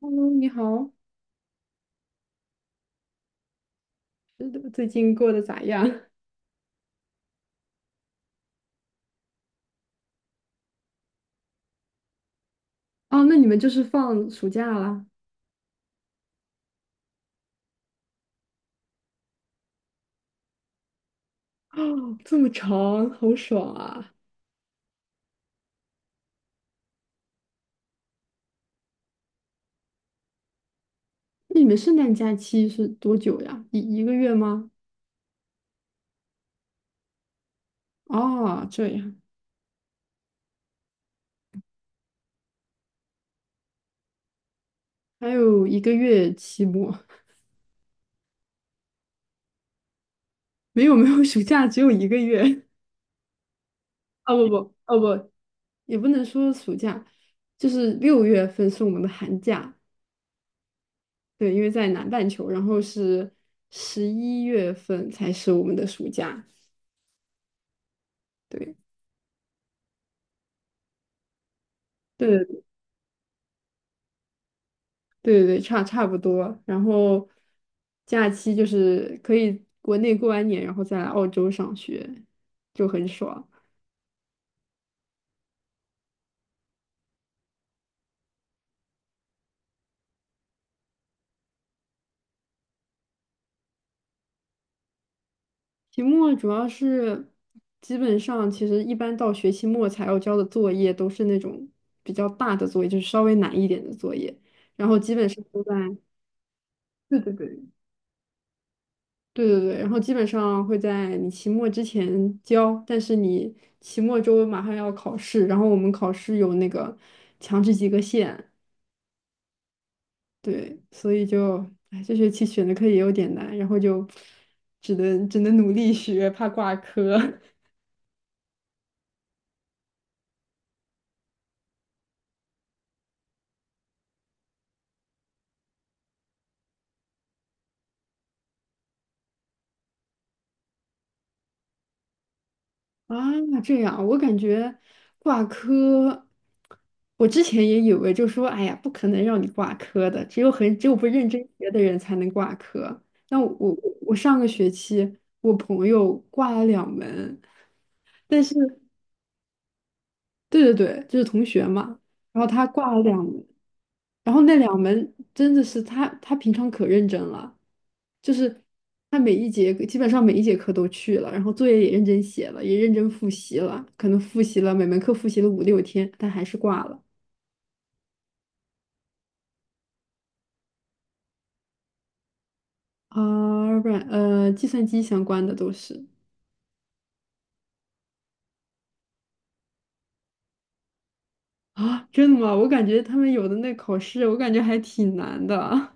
喽，你好，最近过得咋样？哦，那你们就是放暑假啦？哦，这么长，好爽啊！那你们圣诞假期是多久呀？一个月吗？哦，这样，还有一个月期末，没有没有，暑假只有一个月。哦不不哦不，也不能说暑假，就是6月份是我们的寒假，对，因为在南半球，然后是11月份才是我们的暑假，对。对对对对，差不多。然后假期就是可以国内过完年，然后再来澳洲上学，就很爽。期末主要是基本上，其实一般到学期末才要交的作业都是那种比较大的作业，就是稍微难一点的作业。然后基本上都在，对对对。对对对，然后基本上会在你期末之前交，但是你期末周马上要考试，然后我们考试有那个强制及格线。对，所以就，哎，这学期选的课也有点难，然后就只能努力学，怕挂科 啊。这样，我感觉挂科，我之前也以为就说，哎呀，不可能让你挂科的，只有不认真学的人才能挂科。那我上个学期我朋友挂了两门，但是对对对，就是同学嘛，然后他挂了两门，然后那两门真的是他平常可认真了。就是他每一节基本上每一节课都去了，然后作业也认真写了，也认真复习了，可能复习了每门课复习了五六天，但还是挂了。啊，不然计算机相关的都是啊，真的吗？我感觉他们有的那考试，我感觉还挺难的 啊。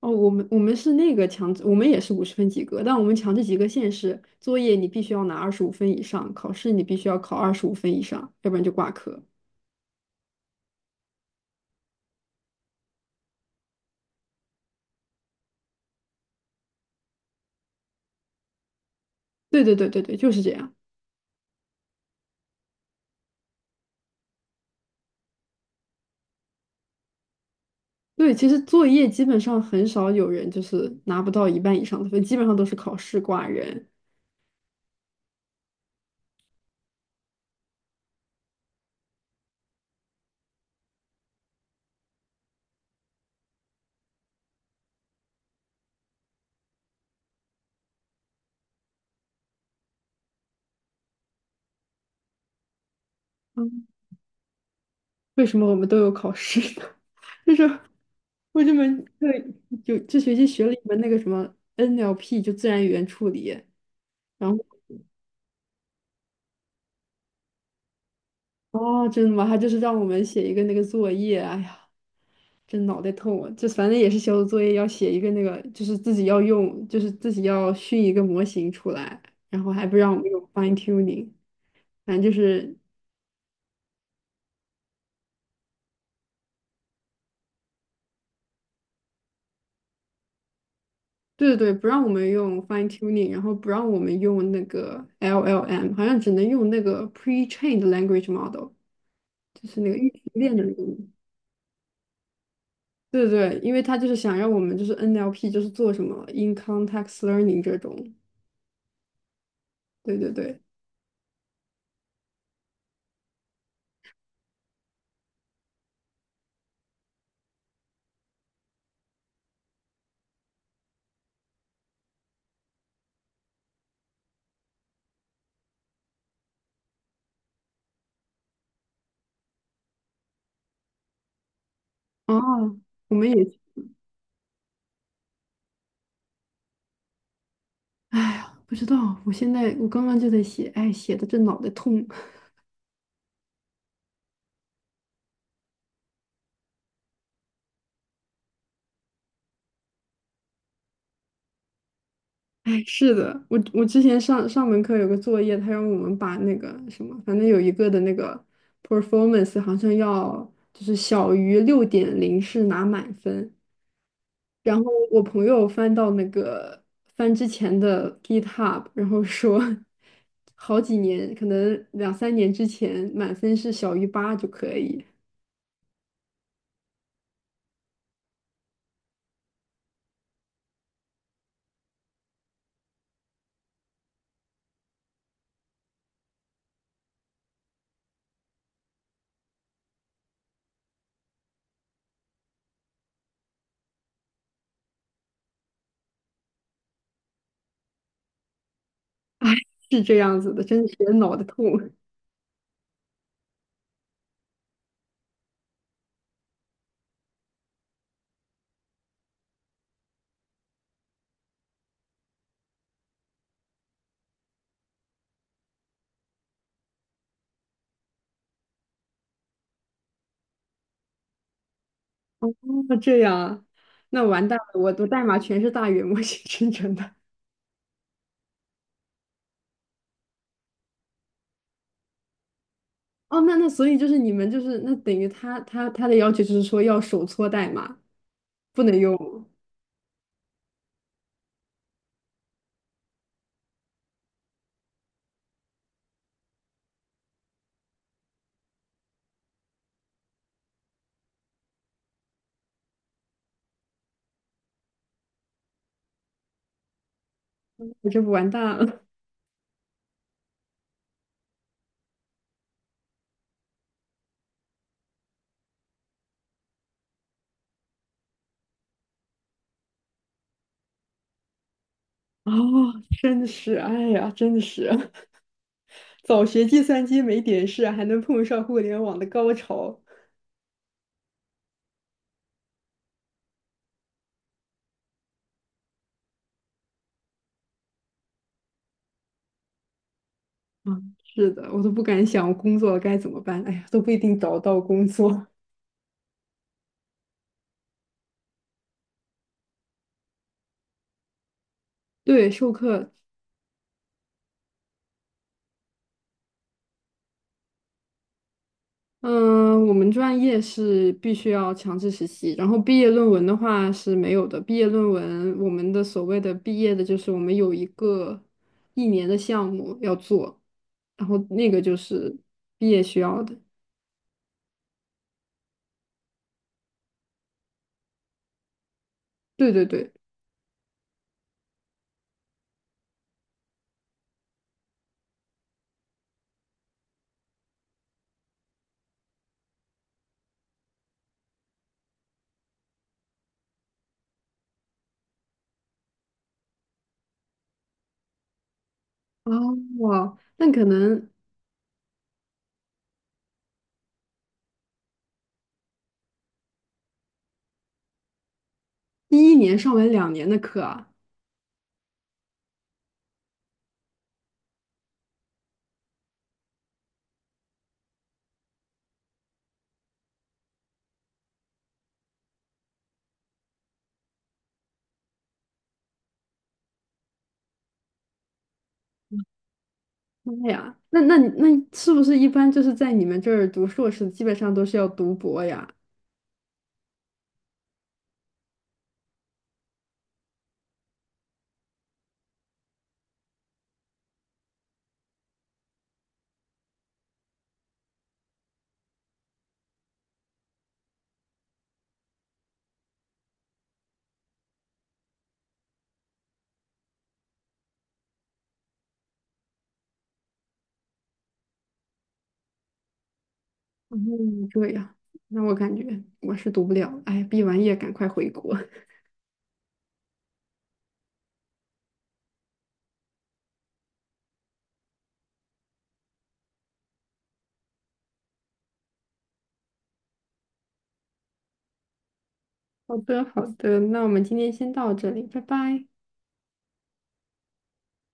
哦，我们是那个强制，我们也是50分及格，但我们强制及格线是作业你必须要拿二十五分以上，考试你必须要考二十五分以上，要不然就挂科。对对对对对，就是这样。对，其实作业基本上很少有人就是拿不到一半以上的分，基本上都是考试挂人。嗯，为什么我们都有考试呢？就是我这门课有这学期学了一门那个什么 NLP，就自然语言处理。然后哦，真的吗？他就是让我们写一个那个作业，哎呀，真脑袋痛啊！就反正也是小组作业，要写一个那个，就是自己要用，就是自己要训一个模型出来，然后还不让我们用 fine tuning，反正就是。对对对，不让我们用 fine tuning，然后不让我们用那个 LLM，好像只能用那个 pre-trained language model，就是那个预训练的那个。对对对，因为他就是想让我们就是 NLP 就是做什么 in context learning 这种。对对对。哦，我们也，哎呀，不知道，我刚刚就在写，哎，写的这脑袋痛。哎，是的，我之前上上门课有个作业，他让我们把那个什么，反正有一个的那个 performance 好像要就是小于6.0是拿满分。然后我朋友翻到那个翻之前的 GitHub，然后说好几年，可能两三年之前满分是小于8就可以。哎，是这样子的，真的是脑袋痛。哦，这样啊，那完蛋了，我的代码全是大语言模型 生成的。哦，那所以就是你们就是那等于他的要求就是说要手搓代码，不能用，我这不完蛋了。哦，真的是，哎呀，真的是，早学计算机没点事，还能碰上互联网的高潮。嗯，是的，我都不敢想我工作该怎么办，哎呀，都不一定找到工作。对，授课嗯，我们专业是必须要强制实习，然后毕业论文的话是没有的。毕业论文，我们的所谓的毕业的，就是我们有一个一年的项目要做，然后那个就是毕业需要的。对对对，哦，哇，那可能第一年上完2年的课啊，妈呀，那是不是一般就是在你们这儿读硕士，基本上都是要读博呀？嗯，这样，那我感觉我是读不了，哎，毕完业赶快回国。好的，好的，那我们今天先到这里，拜拜。